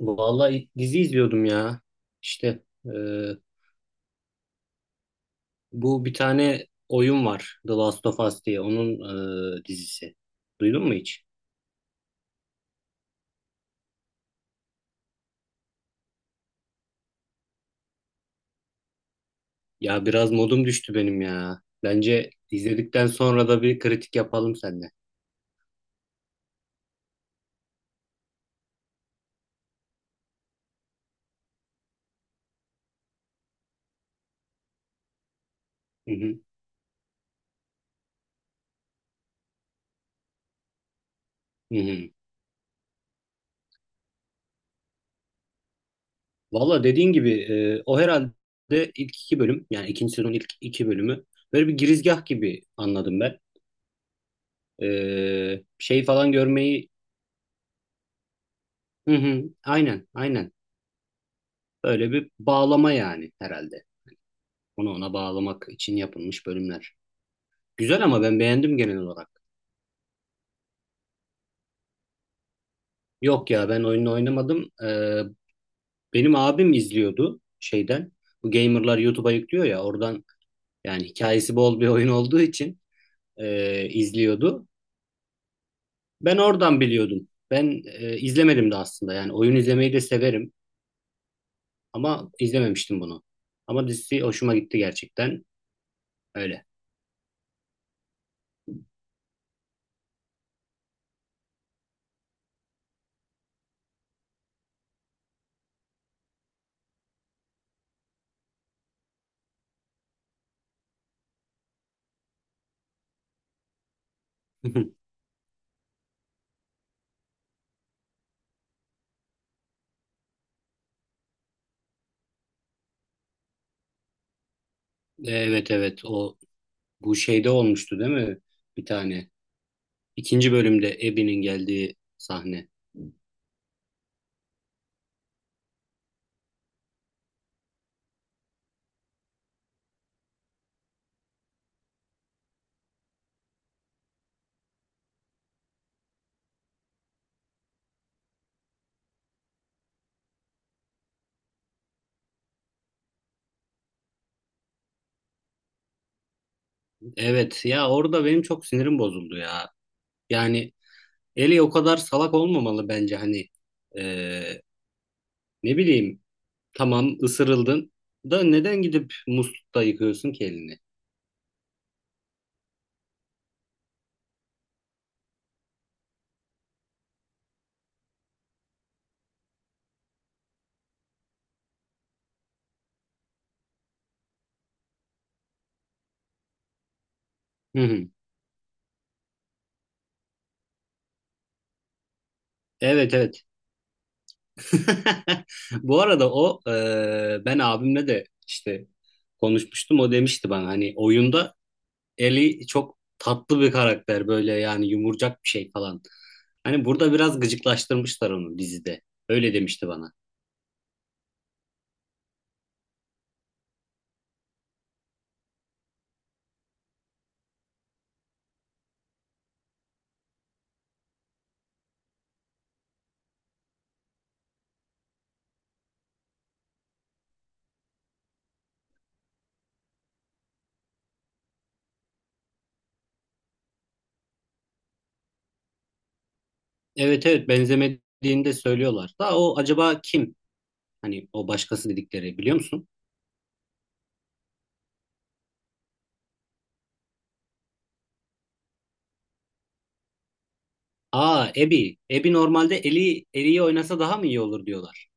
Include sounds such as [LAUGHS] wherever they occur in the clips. Vallahi dizi izliyordum ya. İşte bu bir tane oyun var, The Last of Us diye. Onun dizisi. Duydun mu hiç? Ya biraz modum düştü benim ya. Bence izledikten sonra da bir kritik yapalım seninle. Hı hı. Hı hı. Valla dediğin gibi o herhalde ilk iki bölüm, yani ikinci sezonun ilk iki bölümü böyle bir girizgah gibi anladım ben. Şey falan görmeyi hı hı, aynen aynen, böyle bir bağlama yani herhalde. Onu ona bağlamak için yapılmış bölümler. Güzel, ama ben beğendim genel olarak. Yok ya, ben oyunu oynamadım. Benim abim izliyordu şeyden. Bu gamerlar YouTube'a yüklüyor ya, oradan, yani hikayesi bol bir oyun olduğu için izliyordu. Ben oradan biliyordum. Ben izlemedim de aslında, yani oyun izlemeyi de severim ama izlememiştim bunu. Ama dizisi hoşuma gitti gerçekten, öyle. [LAUGHS] Evet evet, o bu şeyde olmuştu değil mi? Bir tane. İkinci bölümde Abby'nin geldiği sahne. Evet ya, orada benim çok sinirim bozuldu ya. Yani Ellie o kadar salak olmamalı bence, hani Ee, ne bileyim, tamam ısırıldın da neden gidip muslukta yıkıyorsun ki elini? Hı hı. Evet evet. [LAUGHS] Bu arada o ben abimle de işte konuşmuştum, o demişti bana hani oyunda Ellie çok tatlı bir karakter, böyle yani yumurcak bir şey falan. Hani burada biraz gıcıklaştırmışlar onu dizide. Öyle demişti bana. Evet evet, benzemediğini de söylüyorlar. Da o acaba kim? Hani o başkası dedikleri, biliyor musun? Aa, Abby. Abby normalde Ellie, Ellie'yi oynasa daha mı iyi olur diyorlar.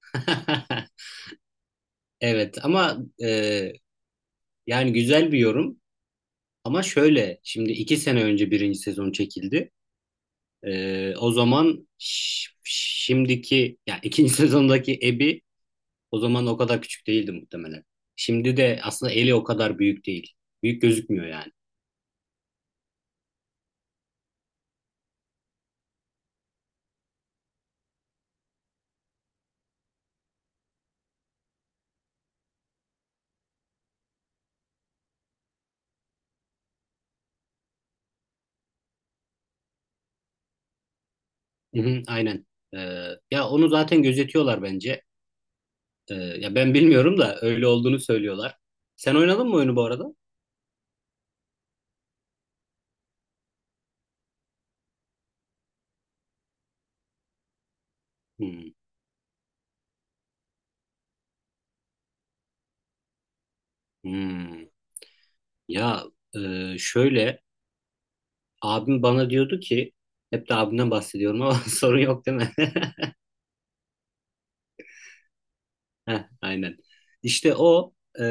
[LAUGHS] Evet ama e, yani güzel bir yorum. Ama şöyle, şimdi iki sene önce birinci sezon çekildi. O zaman şimdiki yani ikinci [LAUGHS] sezondaki Abby o zaman o kadar küçük değildi muhtemelen. Şimdi de aslında Ellie o kadar büyük değil. Büyük gözükmüyor yani. Hı hı, aynen. Ee, Ya onu zaten gözetiyorlar bence. Ya ben bilmiyorum da öyle olduğunu söylüyorlar. Sen oynadın mı oyunu bu arada? Hmm, hmm. Ya şöyle, abim bana diyordu ki, hep de abimden bahsediyorum ama [LAUGHS] sorun yok değil mi? [LAUGHS] Heh, aynen. İşte o e,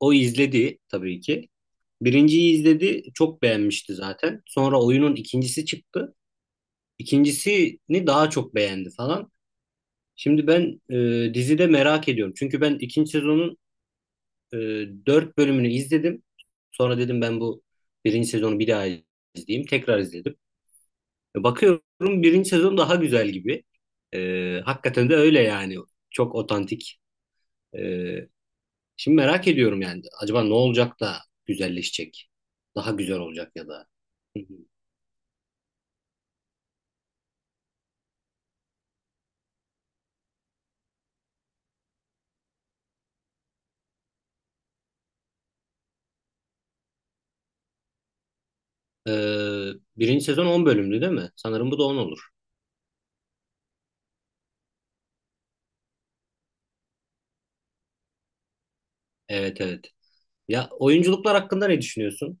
o izledi tabii ki. Birinciyi izledi, çok beğenmişti zaten. Sonra oyunun ikincisi çıktı. İkincisini daha çok beğendi falan. Şimdi ben dizide merak ediyorum. Çünkü ben ikinci sezonun e, dört bölümünü izledim. Sonra dedim ben bu birinci sezonu bir daha izleyeyim. Tekrar izledim. Bakıyorum birinci sezon daha güzel gibi. Hakikaten de öyle yani. Çok otantik. E, Şimdi merak ediyorum yani. Acaba ne olacak da güzelleşecek? Daha güzel olacak ya da. Hı hı. Birinci sezon 10 bölümlü değil mi? Sanırım bu da on olur. Evet evet. Ya, oyunculuklar hakkında ne düşünüyorsun?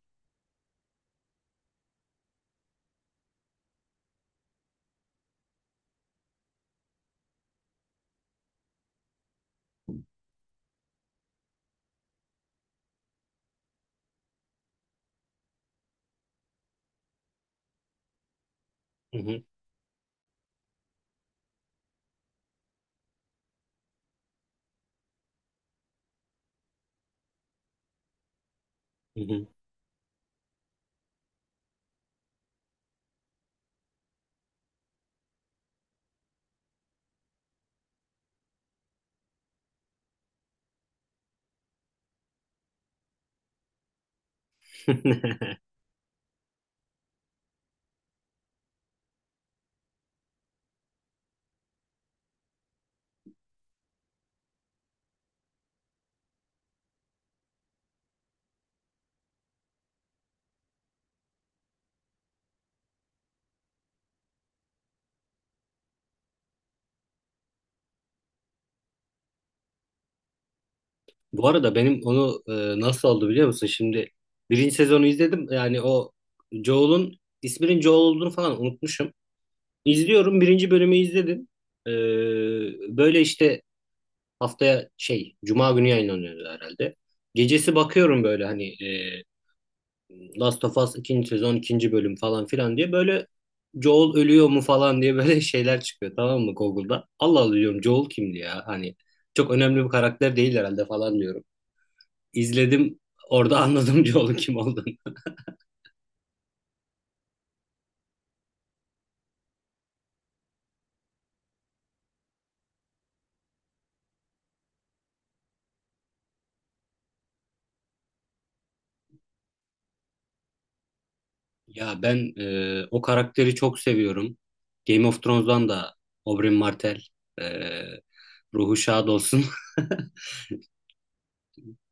Hı hı, hı hı. [LAUGHS] Bu arada benim onu nasıl oldu biliyor musun? Şimdi birinci sezonu izledim. Yani o Joel'un isminin Joel olduğunu falan unutmuşum. İzliyorum. Birinci bölümü izledim. Ee, Böyle işte, haftaya şey Cuma günü yayınlanıyordu herhalde. Gecesi bakıyorum böyle, hani Last of Us ikinci sezon ikinci bölüm falan filan diye, böyle Joel ölüyor mu falan diye böyle [LAUGHS] şeyler çıkıyor, tamam mı, Google'da. Allah Allah diyorum, Joel kimdi ya, hani çok önemli bir karakter değil herhalde falan diyorum. İzledim, orada anladım [LAUGHS] Joel'un kim olduğunu. Ya ben o karakteri çok seviyorum. Game of Thrones'dan da Oberyn Martell, e, ruhu şad olsun. [LAUGHS]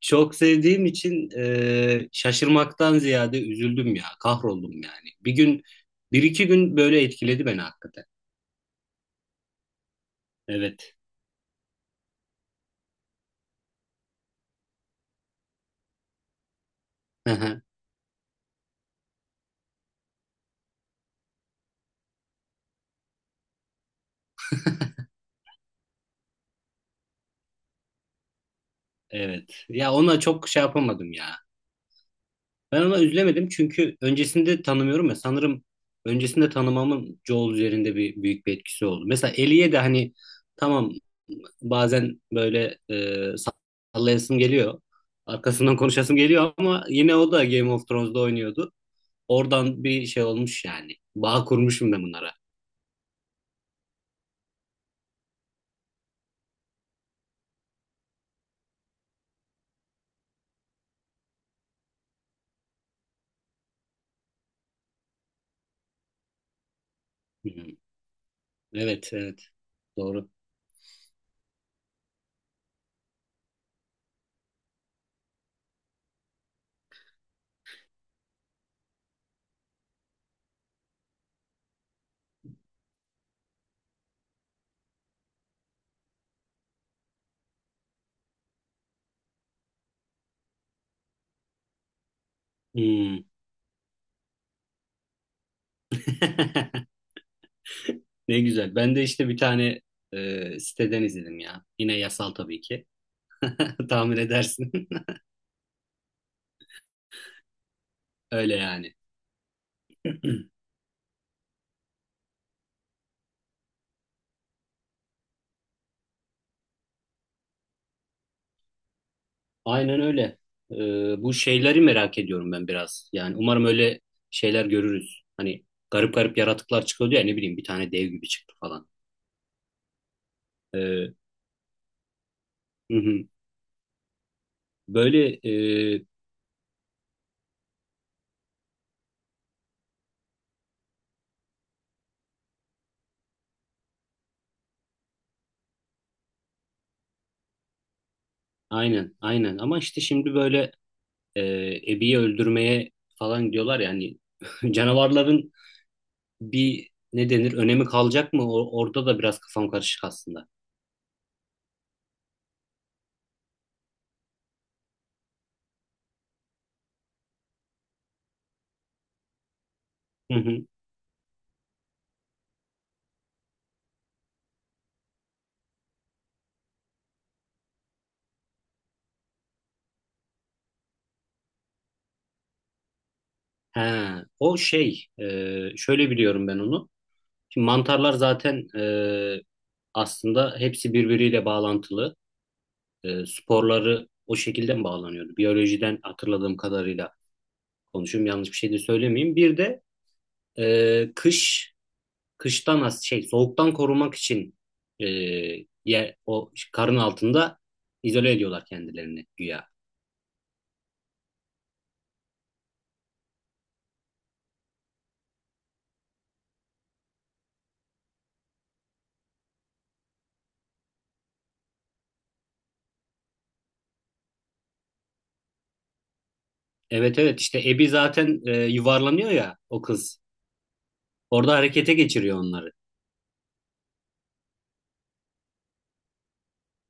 Çok sevdiğim için şaşırmaktan ziyade üzüldüm ya, kahroldum yani. Bir gün, bir iki gün böyle etkiledi beni hakikaten. Evet, [LAUGHS] evet. Ya ona çok şey yapamadım ya. Ben ona üzülemedim çünkü öncesinde tanımıyorum ya. Sanırım öncesinde tanımamın Joel üzerinde bir büyük bir etkisi oldu. Mesela Ellie'ye de hani tamam, bazen böyle sallayasım geliyor. Arkasından konuşasım geliyor, ama yine o da Game of Thrones'da oynuyordu. Oradan bir şey olmuş yani. Bağ kurmuşum ben bunlara. Hmm. Evet, evet. Doğru. Hmm. [LAUGHS] Ne güzel. Ben de işte bir tane siteden izledim ya. Yine yasal tabii ki. [LAUGHS] Tahmin edersin. [LAUGHS] Öyle yani. [CLEARS THROAT] Aynen öyle. Bu şeyleri merak ediyorum ben biraz. Yani umarım öyle şeyler görürüz. Hani garip garip yaratıklar çıkıyordu ya, ne bileyim bir tane dev gibi çıktı falan. Ee, hı hı. Böyle e, aynen aynen, ama işte şimdi böyle e, Abby'yi öldürmeye falan diyorlar ya, hani [LAUGHS] canavarların bir, ne denir, önemi kalacak mı? Orada da biraz kafam karışık aslında. Hı hı. He, o şey şöyle biliyorum ben onu. Şimdi mantarlar zaten aslında hepsi birbiriyle bağlantılı. Sporları o şekilde mi bağlanıyordu? Biyolojiden hatırladığım kadarıyla konuşuyorum, yanlış bir şey de söylemeyeyim. Bir de kış şey soğuktan korumak için e, yer o karın altında izole ediyorlar kendilerini güya. Evet evet, işte Abby zaten yuvarlanıyor ya o kız. Orada harekete geçiriyor onları.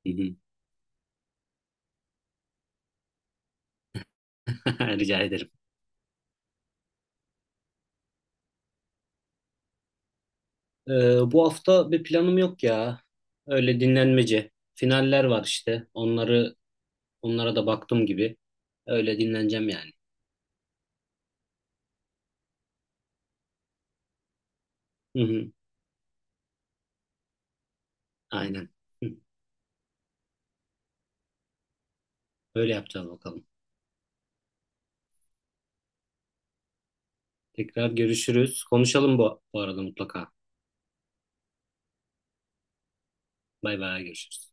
Hı hı. [LAUGHS] Rica ederim. E, Bu hafta bir planım yok ya. Öyle dinlenmece. Finaller var işte. Onlara da baktım gibi. Öyle dinleneceğim yani. Hı hı. Aynen. Hı. Öyle yapacağız bakalım. Tekrar görüşürüz. Konuşalım bu arada mutlaka. Bay bay, görüşürüz.